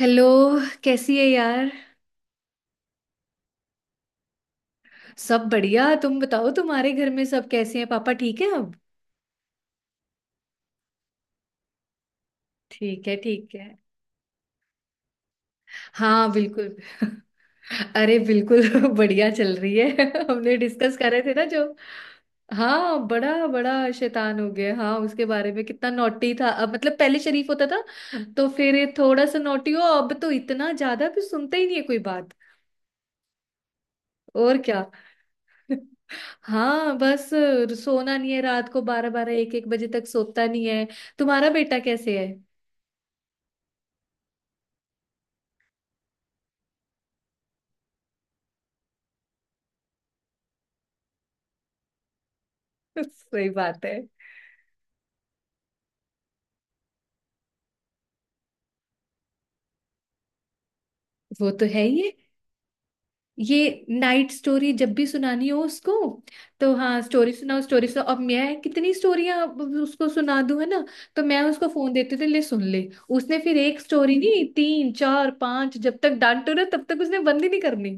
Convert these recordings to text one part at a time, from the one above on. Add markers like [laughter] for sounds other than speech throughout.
Hello. कैसी है यार? सब बढ़िया, तुम बताओ, तुम्हारे घर में सब कैसे हैं? पापा ठीक है अब? ठीक है, ठीक है। हाँ बिल्कुल। [laughs] अरे बिल्कुल [laughs] बढ़िया चल रही है। [laughs] हमने डिस्कस कर रहे थे ना जो। हाँ, बड़ा बड़ा शैतान हो गया, हाँ। उसके बारे में कितना नॉटी था, अब मतलब पहले शरीफ होता था, तो फिर ये थोड़ा सा नॉटी हो, अब तो इतना ज्यादा भी सुनता ही नहीं है कोई बात। और क्या। [laughs] हाँ बस। सोना नहीं है, रात को 12 12 1 1 बजे तक सोता नहीं है। तुम्हारा बेटा कैसे है? [laughs] सही बात है। वो तो है ही है। ये नाइट स्टोरी जब भी सुनानी हो उसको, तो हाँ स्टोरी सुनाओ, स्टोरी सुनाओ। अब मैं कितनी स्टोरियां उसको सुना दूं, है ना? तो मैं उसको फोन देती थी, ले सुन ले। उसने फिर एक स्टोरी नहीं, तीन चार पांच, जब तक डांटो ना तब तक उसने बंद ही नहीं करनी।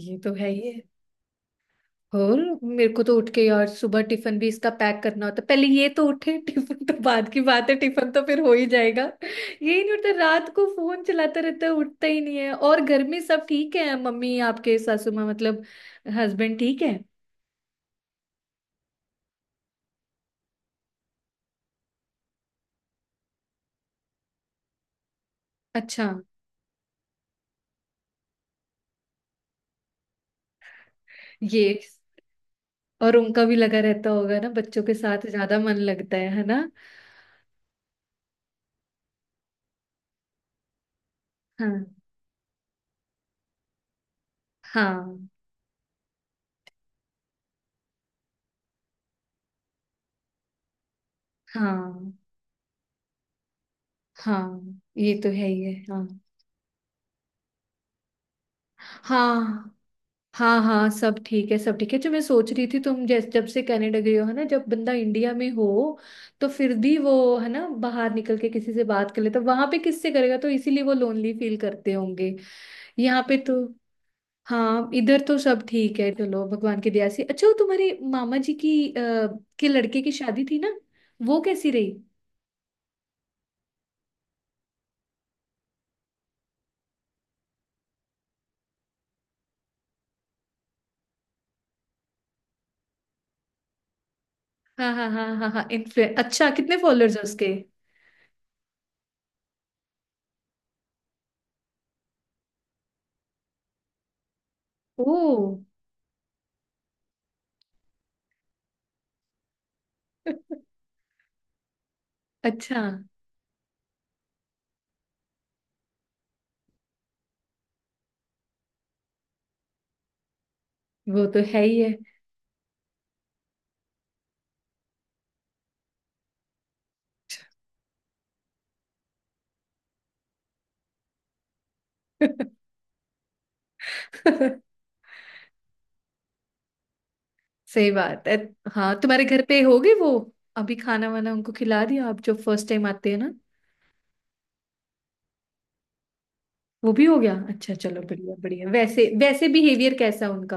ये तो है ही। और मेरे को तो उठ के यार सुबह टिफिन भी इसका पैक करना होता है। पहले ये तो उठे। [laughs] टिफिन तो बाद की बात है, टिफिन तो फिर हो ही जाएगा। यही नहीं उठता, रात को फोन चलाता रहता है, उठता ही नहीं है। और घर में सब ठीक है मम्मी? आपके सासू माँ मतलब हस्बैंड ठीक है? अच्छा। ये और उनका भी लगा रहता होगा ना, बच्चों के साथ ज्यादा मन लगता है ना? हाँ, हाँ, हाँ, हाँ। ये तो है ही है। हाँ, हाँ, हाँ, हाँ, सब ठीक है, सब ठीक है। जो मैं सोच रही थी, तुम जैसे जब से कनाडा गई हो, है ना, जब बंदा इंडिया में हो तो फिर भी वो, है ना, बाहर निकल के किसी से बात कर लेता, वहां पे किससे करेगा? तो इसीलिए वो लोनली फील करते होंगे, यहाँ पे तो। हाँ, इधर तो सब ठीक है, चलो भगवान की दया से। अच्छा, वो तुम्हारे मामा जी की के लड़के की शादी थी ना, वो कैसी रही? हाँ, हाँ, हाँ, हाँ, हाँ, इन्फ्लुएंस। अच्छा, कितने फॉलोअर्स हैं उसके? ओ। [laughs] अच्छा, वो तो है ही है। [laughs] सही बात है। हाँ, तुम्हारे घर पे हो गई वो? अभी खाना वाना उनको खिला दिया, आप जो फर्स्ट टाइम आते हैं ना? वो भी हो गया, अच्छा चलो, बढ़िया बढ़िया। वैसे वैसे बिहेवियर कैसा उनका?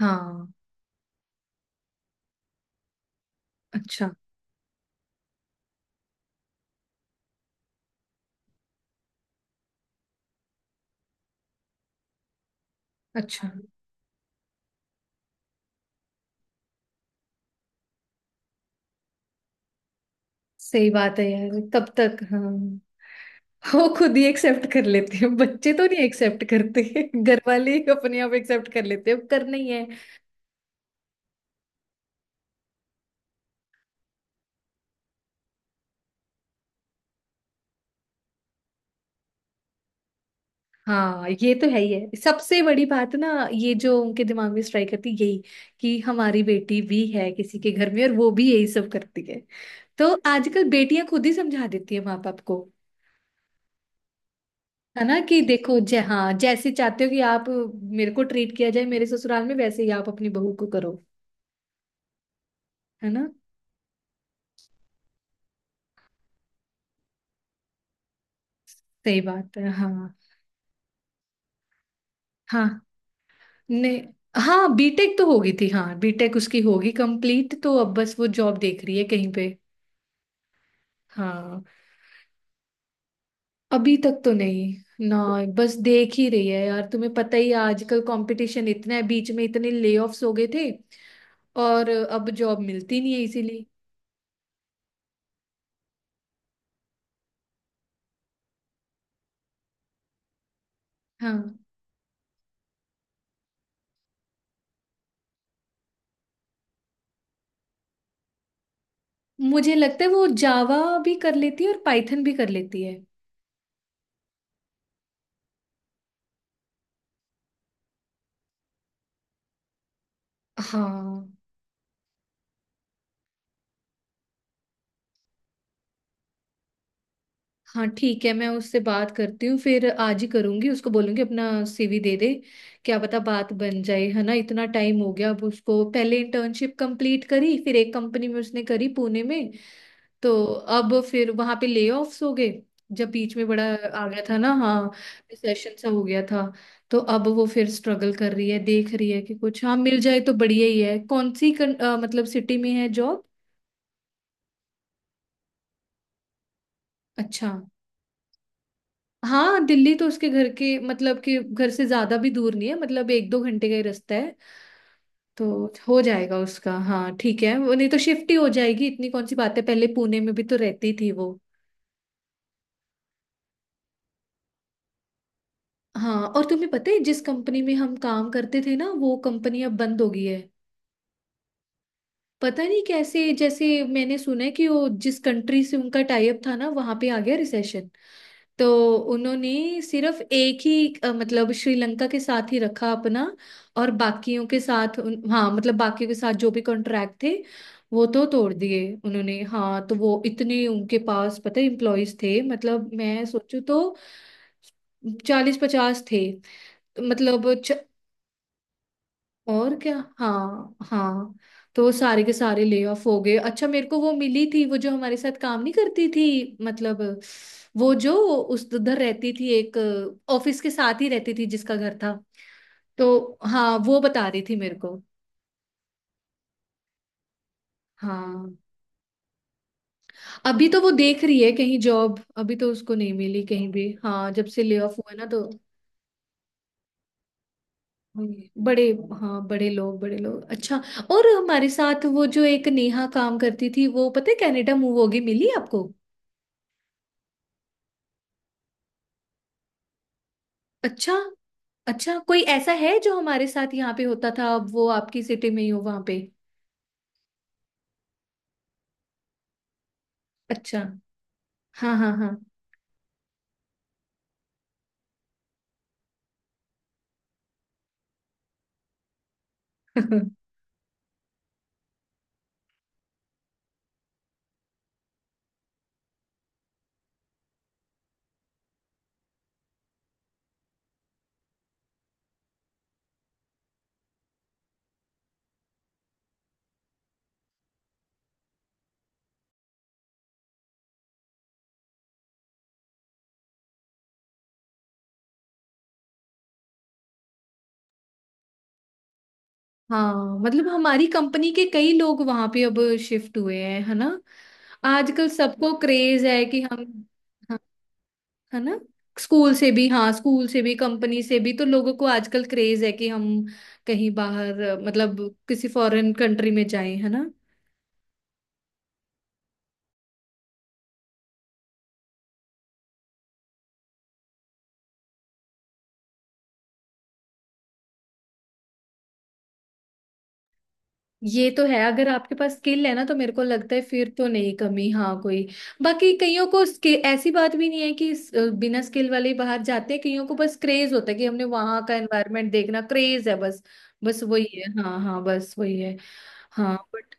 हाँ, अच्छा अच्छा। सही बात है यार, तब तक हाँ। वो खुद ही एक्सेप्ट कर लेते हैं, बच्चे तो नहीं एक्सेप्ट करते। [laughs] घर वाले ही अपने आप एक्सेप्ट कर लेते हैं, करना ही है। हाँ, ये तो है ही है, सबसे बड़ी बात ना। ये जो उनके दिमाग में स्ट्राइक करती है यही, कि हमारी बेटी भी है किसी के घर में और वो भी यही सब करती है, तो आजकल बेटियां खुद ही समझा देती है माँ बाप को, है ना कि देखो जय हाँ जैसे चाहते हो कि आप मेरे को ट्रीट किया जाए मेरे ससुराल में, वैसे ही आप अपनी बहू को करो, है ना। सही बात है। हाँ, हाँ ने। हाँ, बीटेक तो होगी थी हाँ, बीटेक उसकी होगी कंप्लीट, तो अब बस वो जॉब देख रही है कहीं पे। हाँ, अभी तक तो नहीं ना, बस देख ही रही है यार, तुम्हें पता ही है, आजकल कंपटीशन इतना है, बीच में इतने ले हो गए थे और अब जॉब मिलती नहीं है, इसीलिए। हाँ, मुझे लगता है वो जावा भी कर लेती है और पाइथन भी कर लेती है। हाँ, हाँ ठीक है, मैं उससे बात करती हूँ, फिर आज ही करूंगी, उसको बोलूंगी अपना सीवी दे दे। क्या पता बात बन जाए, है ना? इतना टाइम हो गया अब उसको, पहले इंटर्नशिप कंप्लीट करी, फिर एक कंपनी में उसने करी पुणे में, तो अब फिर वहां पे ले ऑफ्स हो गए, जब बीच में बड़ा आ गया था ना, हाँ रिसेशन सा हो गया था। तो अब वो फिर स्ट्रगल कर रही है, देख रही है कि कुछ हाँ मिल जाए तो बढ़िया ही है। कौन सी मतलब सिटी में है जॉब? अच्छा। हाँ, दिल्ली तो उसके घर के मतलब कि घर से ज्यादा भी दूर नहीं है, मतलब 1 2 घंटे का ही रास्ता है, तो हो जाएगा उसका। हाँ ठीक है, वो नहीं तो शिफ्ट ही हो जाएगी, इतनी कौन सी बात है, पहले पुणे में भी तो रहती थी वो। हाँ, और तुम्हें पता है जिस कंपनी में हम काम करते थे ना, वो कंपनी अब बंद हो गई है। पता नहीं कैसे जैसे, मैंने सुना है कि वो जिस कंट्री से उनका टाई अप था ना, वहां पे आ गया रिसेशन, तो उन्होंने सिर्फ एक ही मतलब श्रीलंका के साथ ही रखा अपना, और बाकियों के साथ हाँ मतलब बाकियों के साथ जो भी कॉन्ट्रैक्ट थे, वो तो तोड़ दिए उन्होंने। हाँ, तो वो इतने उनके पास पता है एम्प्लॉयज थे, मतलब मैं सोचू तो 40 50 थे, मतलब। और क्या, हाँ हाँ। तो सारे के सारे ले ऑफ हो गए। अच्छा, मेरे को वो मिली थी, वो जो हमारे साथ काम नहीं करती थी मतलब, वो जो उस उधर रहती थी, एक ऑफिस के साथ ही रहती थी जिसका घर था, तो हाँ वो बता रही थी मेरे को। हाँ, अभी तो वो देख रही है कहीं जॉब, अभी तो उसको नहीं मिली कहीं भी, हाँ जब से ले ऑफ हुआ ना तो। बड़े, हाँ बड़े लोग, बड़े लोग। अच्छा, और हमारे साथ वो जो एक नेहा काम करती थी, वो पता है कनाडा मूव होगी, मिली आपको? अच्छा। अच्छा, कोई ऐसा है जो हमारे साथ यहाँ पे होता था, अब वो आपकी सिटी में ही हो वहां पे? अच्छा, हाँ हाँ हाँ। [laughs] हाँ, मतलब हमारी कंपनी के कई लोग वहां पे अब शिफ्ट हुए हैं, है ना? आजकल सबको क्रेज है कि हम। हाँ, है ना, स्कूल से भी हाँ, स्कूल से भी कंपनी से भी, तो लोगों को आजकल क्रेज है कि हम कहीं बाहर मतलब किसी फॉरेन कंट्री में जाएं, है ना? ये तो है, अगर आपके पास स्किल है ना, तो मेरे को लगता है फिर तो नहीं कमी हाँ कोई। बाकी कईयों को स्किल ऐसी बात भी नहीं है कि बिना स्किल वाले ही बाहर जाते हैं, कईयों को बस क्रेज होता है कि हमने वहां का एनवायरनमेंट देखना, क्रेज है बस। बस वही है, हाँ हाँ बस वही है। हाँ बट,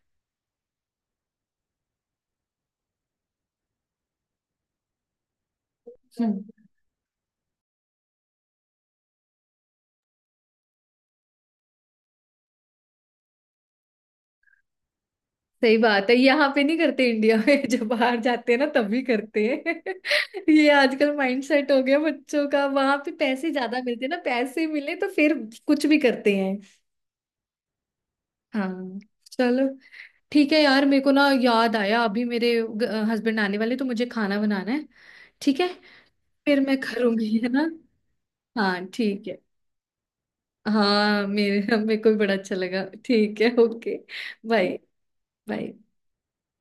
सही बात है, यहाँ पे नहीं करते इंडिया में। [laughs] जब बाहर जाते हैं ना तभी करते हैं। [laughs] ये आजकल माइंडसेट हो गया बच्चों का, वहां पे पैसे ज्यादा मिलते हैं ना, पैसे मिले तो फिर कुछ भी करते हैं। हाँ चलो, ठीक है यार, मेरे को ना याद आया अभी मेरे हस्बैंड आने वाले, तो मुझे खाना बनाना है, ठीक है? फिर मैं करूंगी, है ना, हाँ ठीक है। हाँ, मेरे मेरे को भी बड़ा अच्छा लगा, ठीक है, ओके। Bye, bye.